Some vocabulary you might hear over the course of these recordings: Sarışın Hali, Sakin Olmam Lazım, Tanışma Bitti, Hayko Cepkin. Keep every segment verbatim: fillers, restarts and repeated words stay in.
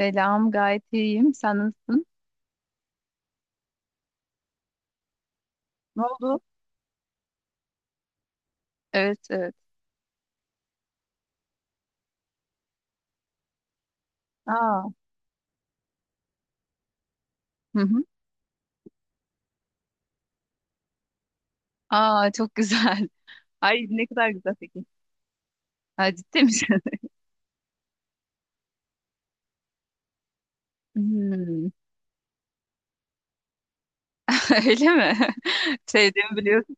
Selam, gayet iyiyim. Sen nasılsın? Ne oldu? Evet, evet. Aa, hı hı. Aa, çok güzel. Ay ne kadar güzel peki. Ha, ciddi misin? Hmm, öyle mi? Sevdiğimi biliyorsun.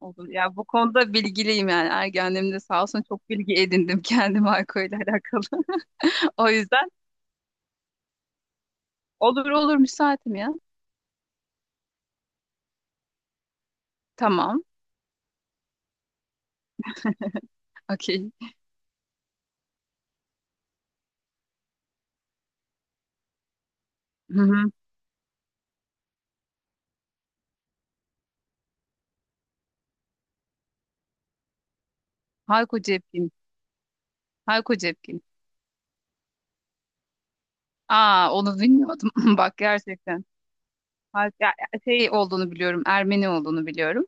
Olur. Ya bu konuda bilgiliyim yani. Ergenliğimde sağ olsun çok bilgi edindim kendim alkolle alakalı. O yüzden olur olur, müsaitim ya. Tamam. Okey. Hı hı. Hayko Cepkin. Hayko Cepkin. Aa onu bilmiyordum. Bak gerçekten. Ha- ya- ya- şey olduğunu biliyorum, Ermeni olduğunu biliyorum.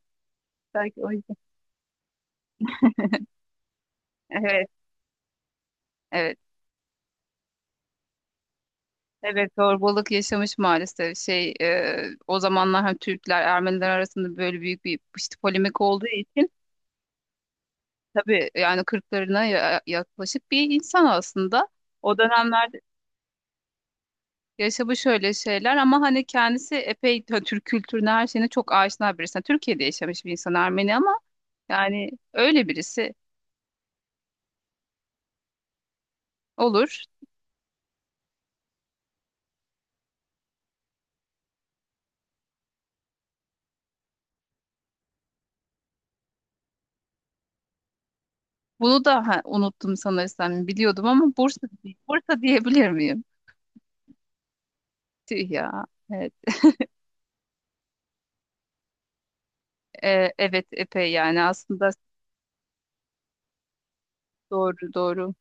Belki o yüzden. Evet, evet. Evet, zorbalık yaşamış maalesef. Şey, e, o zamanlar hem Türkler, Ermeniler arasında böyle büyük bir işte polemik olduğu için tabii yani kırklarına ya- yaklaşık bir insan aslında. O dönemlerde yaşamış şöyle şeyler ama hani kendisi epey t- Türk kültürüne her şeyine çok aşina birisi. Yani Türkiye'de yaşamış bir insan, Ermeni ama yani öyle birisi. Olur. Bunu da ha, unuttum sanırsam biliyordum ama Bursa. Bursa diyebilir miyim? Tüh ya. Evet. E, evet epey yani aslında doğru doğru.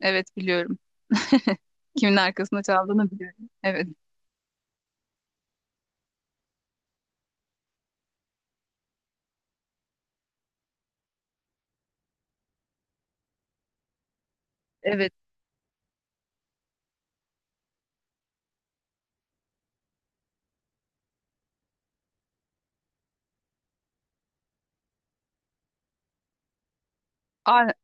Evet biliyorum. Kimin arkasında çaldığını biliyorum. Evet. Evet. A-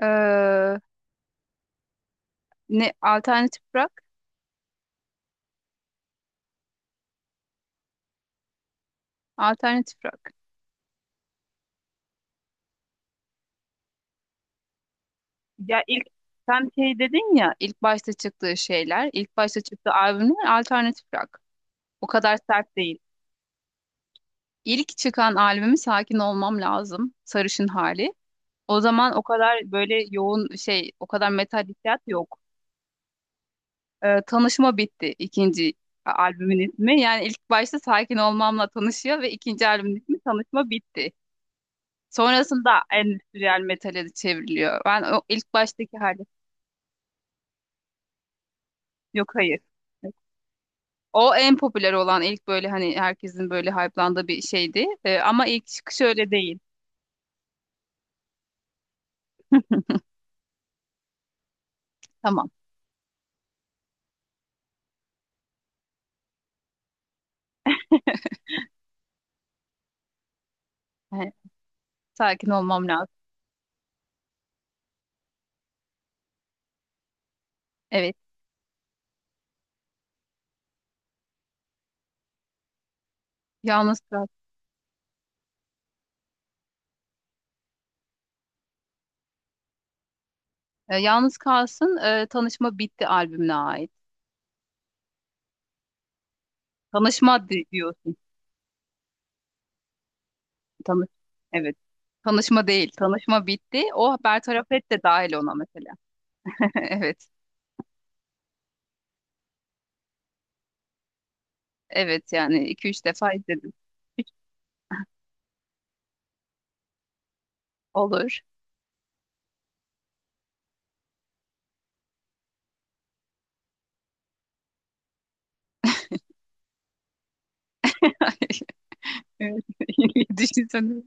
e, Ne alternatif rock? Alternatif rock. Ya ilk sen şey dedin ya, ilk başta çıktığı şeyler, ilk başta çıktığı albümler alternatif rock. O kadar sert değil. İlk çıkan albümü Sakin Olmam Lazım, Sarışın Hali. O zaman o kadar böyle yoğun şey, o kadar metal hissiyat yok. Ee, Tanışma Bitti ikinci albümün ismi. Yani ilk başta Sakin Olmam'la tanışıyor ve ikinci albümün ismi Tanışma Bitti. Sonrasında endüstriyel metale de çevriliyor. Ben o ilk baştaki hali. Yok, hayır. O en popüler olan ilk böyle hani herkesin böyle hype'landığı bir şeydi. Ee, ama ilk çıkış öyle değil. Tamam. Yani sakin olmam lazım. Evet. Yalnız kalsın. Yalnız kalsın. e, Tanışma Bitti albümüne ait. Tanışma di- diyorsun. Tanış. Evet. Tanışma değil. Tanışma Bitti. O Bertaraf Et de dahil ona mesela. Evet. Evet yani iki üç defa izledim. Olur. Evet. Düşünsene.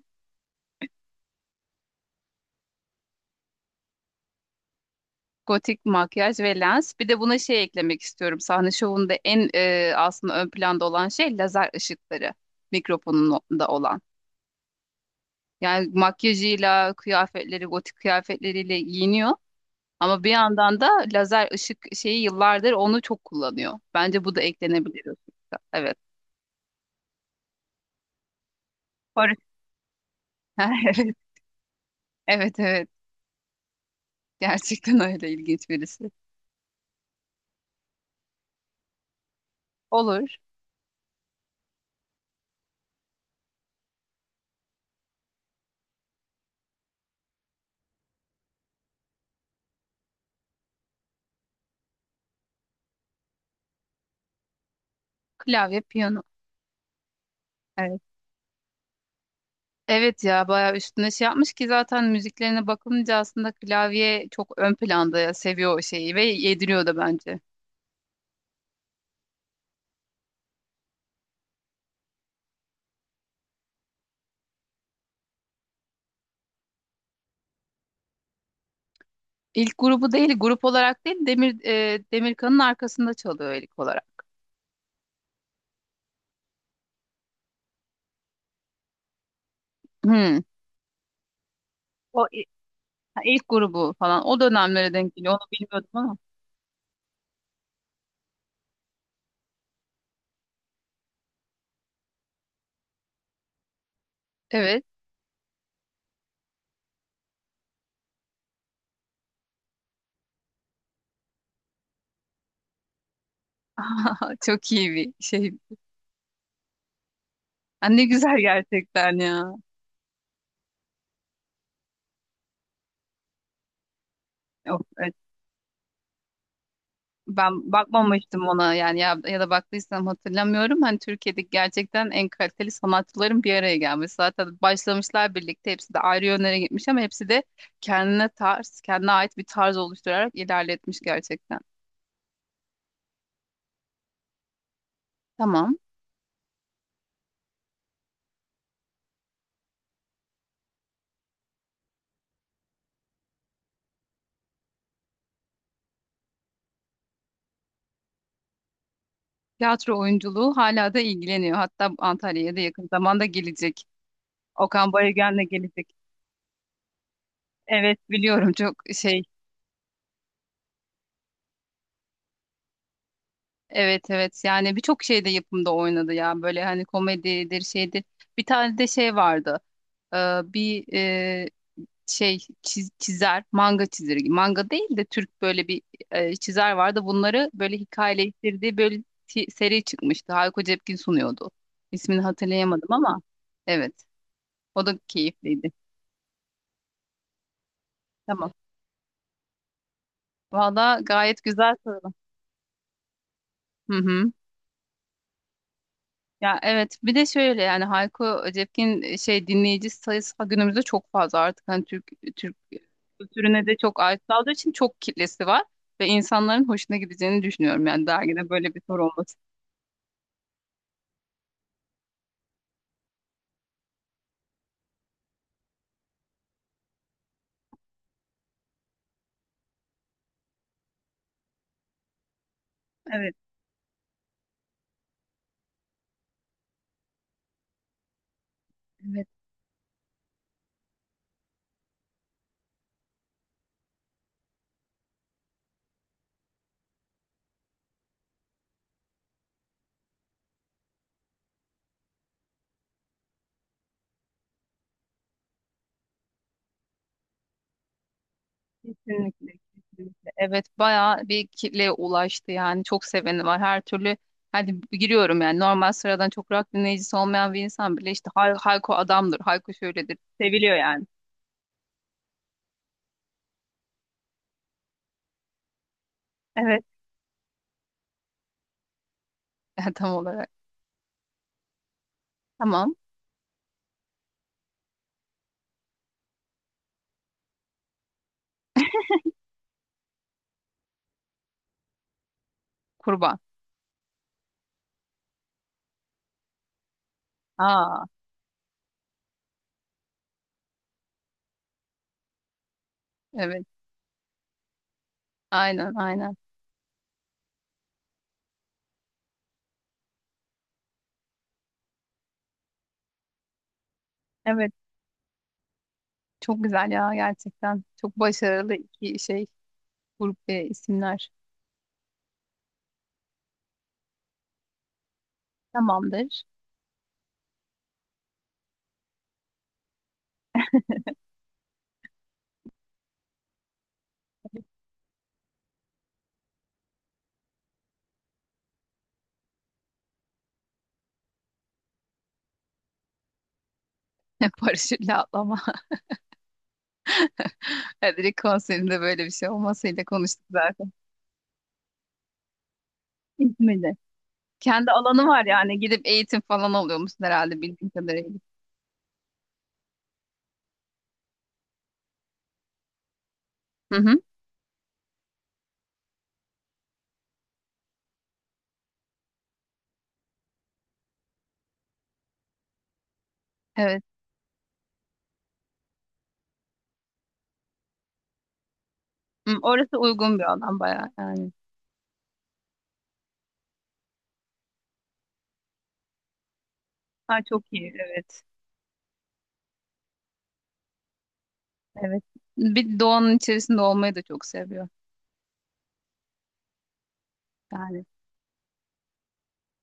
Gotik makyaj ve lens. Bir de buna şey eklemek istiyorum. Sahne şovunda en e, aslında ön planda olan şey lazer ışıkları. Mikrofonunda olan. Yani makyajıyla, kıyafetleri, gotik kıyafetleriyle giyiniyor. Ama bir yandan da lazer ışık şeyi yıllardır onu çok kullanıyor. Bence bu da eklenebilir o sırada. Evet. Barış. Evet. Evet evet. Gerçekten öyle ilginç birisi. Olur. Klavye, piyano. Evet. Evet ya, bayağı üstüne şey yapmış ki zaten müziklerine bakılınca aslında klavye çok ön planda ya, seviyor o şeyi ve yediriyor da bence. İlk grubu değil, grup olarak değil, Demir e, Demirkan'ın arkasında çalıyor ilk olarak. Hmm. O i- ha, ilk grubu falan o dönemlere denk geliyor. Onu bilmiyordum ama. Evet. Çok iyi bir şey. Ha, ne güzel gerçekten ya. Yok, evet. Ben bakmamıştım ona yani ya, ya da baktıysam hatırlamıyorum. Hani Türkiye'deki gerçekten en kaliteli sanatçıların bir araya gelmesi. Zaten başlamışlar birlikte, hepsi de ayrı yönlere gitmiş ama hepsi de kendine tarz, kendine ait bir tarz oluşturarak ilerletmiş gerçekten. Tamam. Tiyatro oyunculuğu, hala da ilgileniyor. Hatta Antalya'ya da yakın zamanda gelecek. Okan Bayülgen'le gelecek. Evet biliyorum, çok şey. Evet evet, yani birçok şeyde, yapımda oynadı ya, böyle hani komedidir şeydir. Bir tane de şey vardı. Ee, bir e, şey çiz- Çizer, manga çizeri, manga değil de Türk böyle bir e, çizer vardı, bunları böyle hikayeleştirdiği böyle ti- seri çıkmıştı, Hayko Cepkin sunuyordu. İsmini hatırlayamadım ama evet, o da keyifliydi. Tamam. Valla gayet güzel soru. Hı hı. Ya evet, bir de şöyle yani Hayko Cepkin e, şey dinleyici sayısı günümüzde çok fazla artık, hani Türk Türk kültürüne de çok ait olduğu için çok kitlesi var ve insanların hoşuna gideceğini düşünüyorum yani dergide böyle bir soru olması. Evet, evet, kesinlikle kesinlikle. Evet bayağı bir kitleye ulaştı yani, çok seveni var her türlü, hadi giriyorum yani, normal sıradan çok rock dinleyicisi olmayan bir insan bile işte Hay- Hayko adamdır, Hayko şöyledir, seviliyor yani. Evet. Tam olarak. Tamam, kurban. Aa. Evet, aynen aynen. Evet, çok güzel ya gerçekten. Çok başarılı iki şey, grup ve isimler. Tamamdır. Paraşütle atlama. Direkt konserinde böyle bir şey olmasıyla konuştuk zaten. İzmir'de. Kendi alanı var yani. Gidip eğitim falan alıyormuşsun herhalde bildiğim kadarıyla. Hı hı. Evet. Hı, orası uygun bir alan bayağı yani. Ha, çok iyi. Evet. Evet. Bir doğanın içerisinde olmayı da çok seviyor. Yani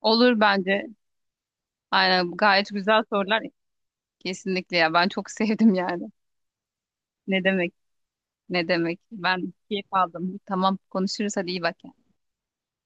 olur bence. Aynen, gayet güzel sorular. Kesinlikle ya, ben çok sevdim yani. Ne demek? Ne demek? Ben keyif aldım. Tamam, konuşuruz hadi, iyi bak yani.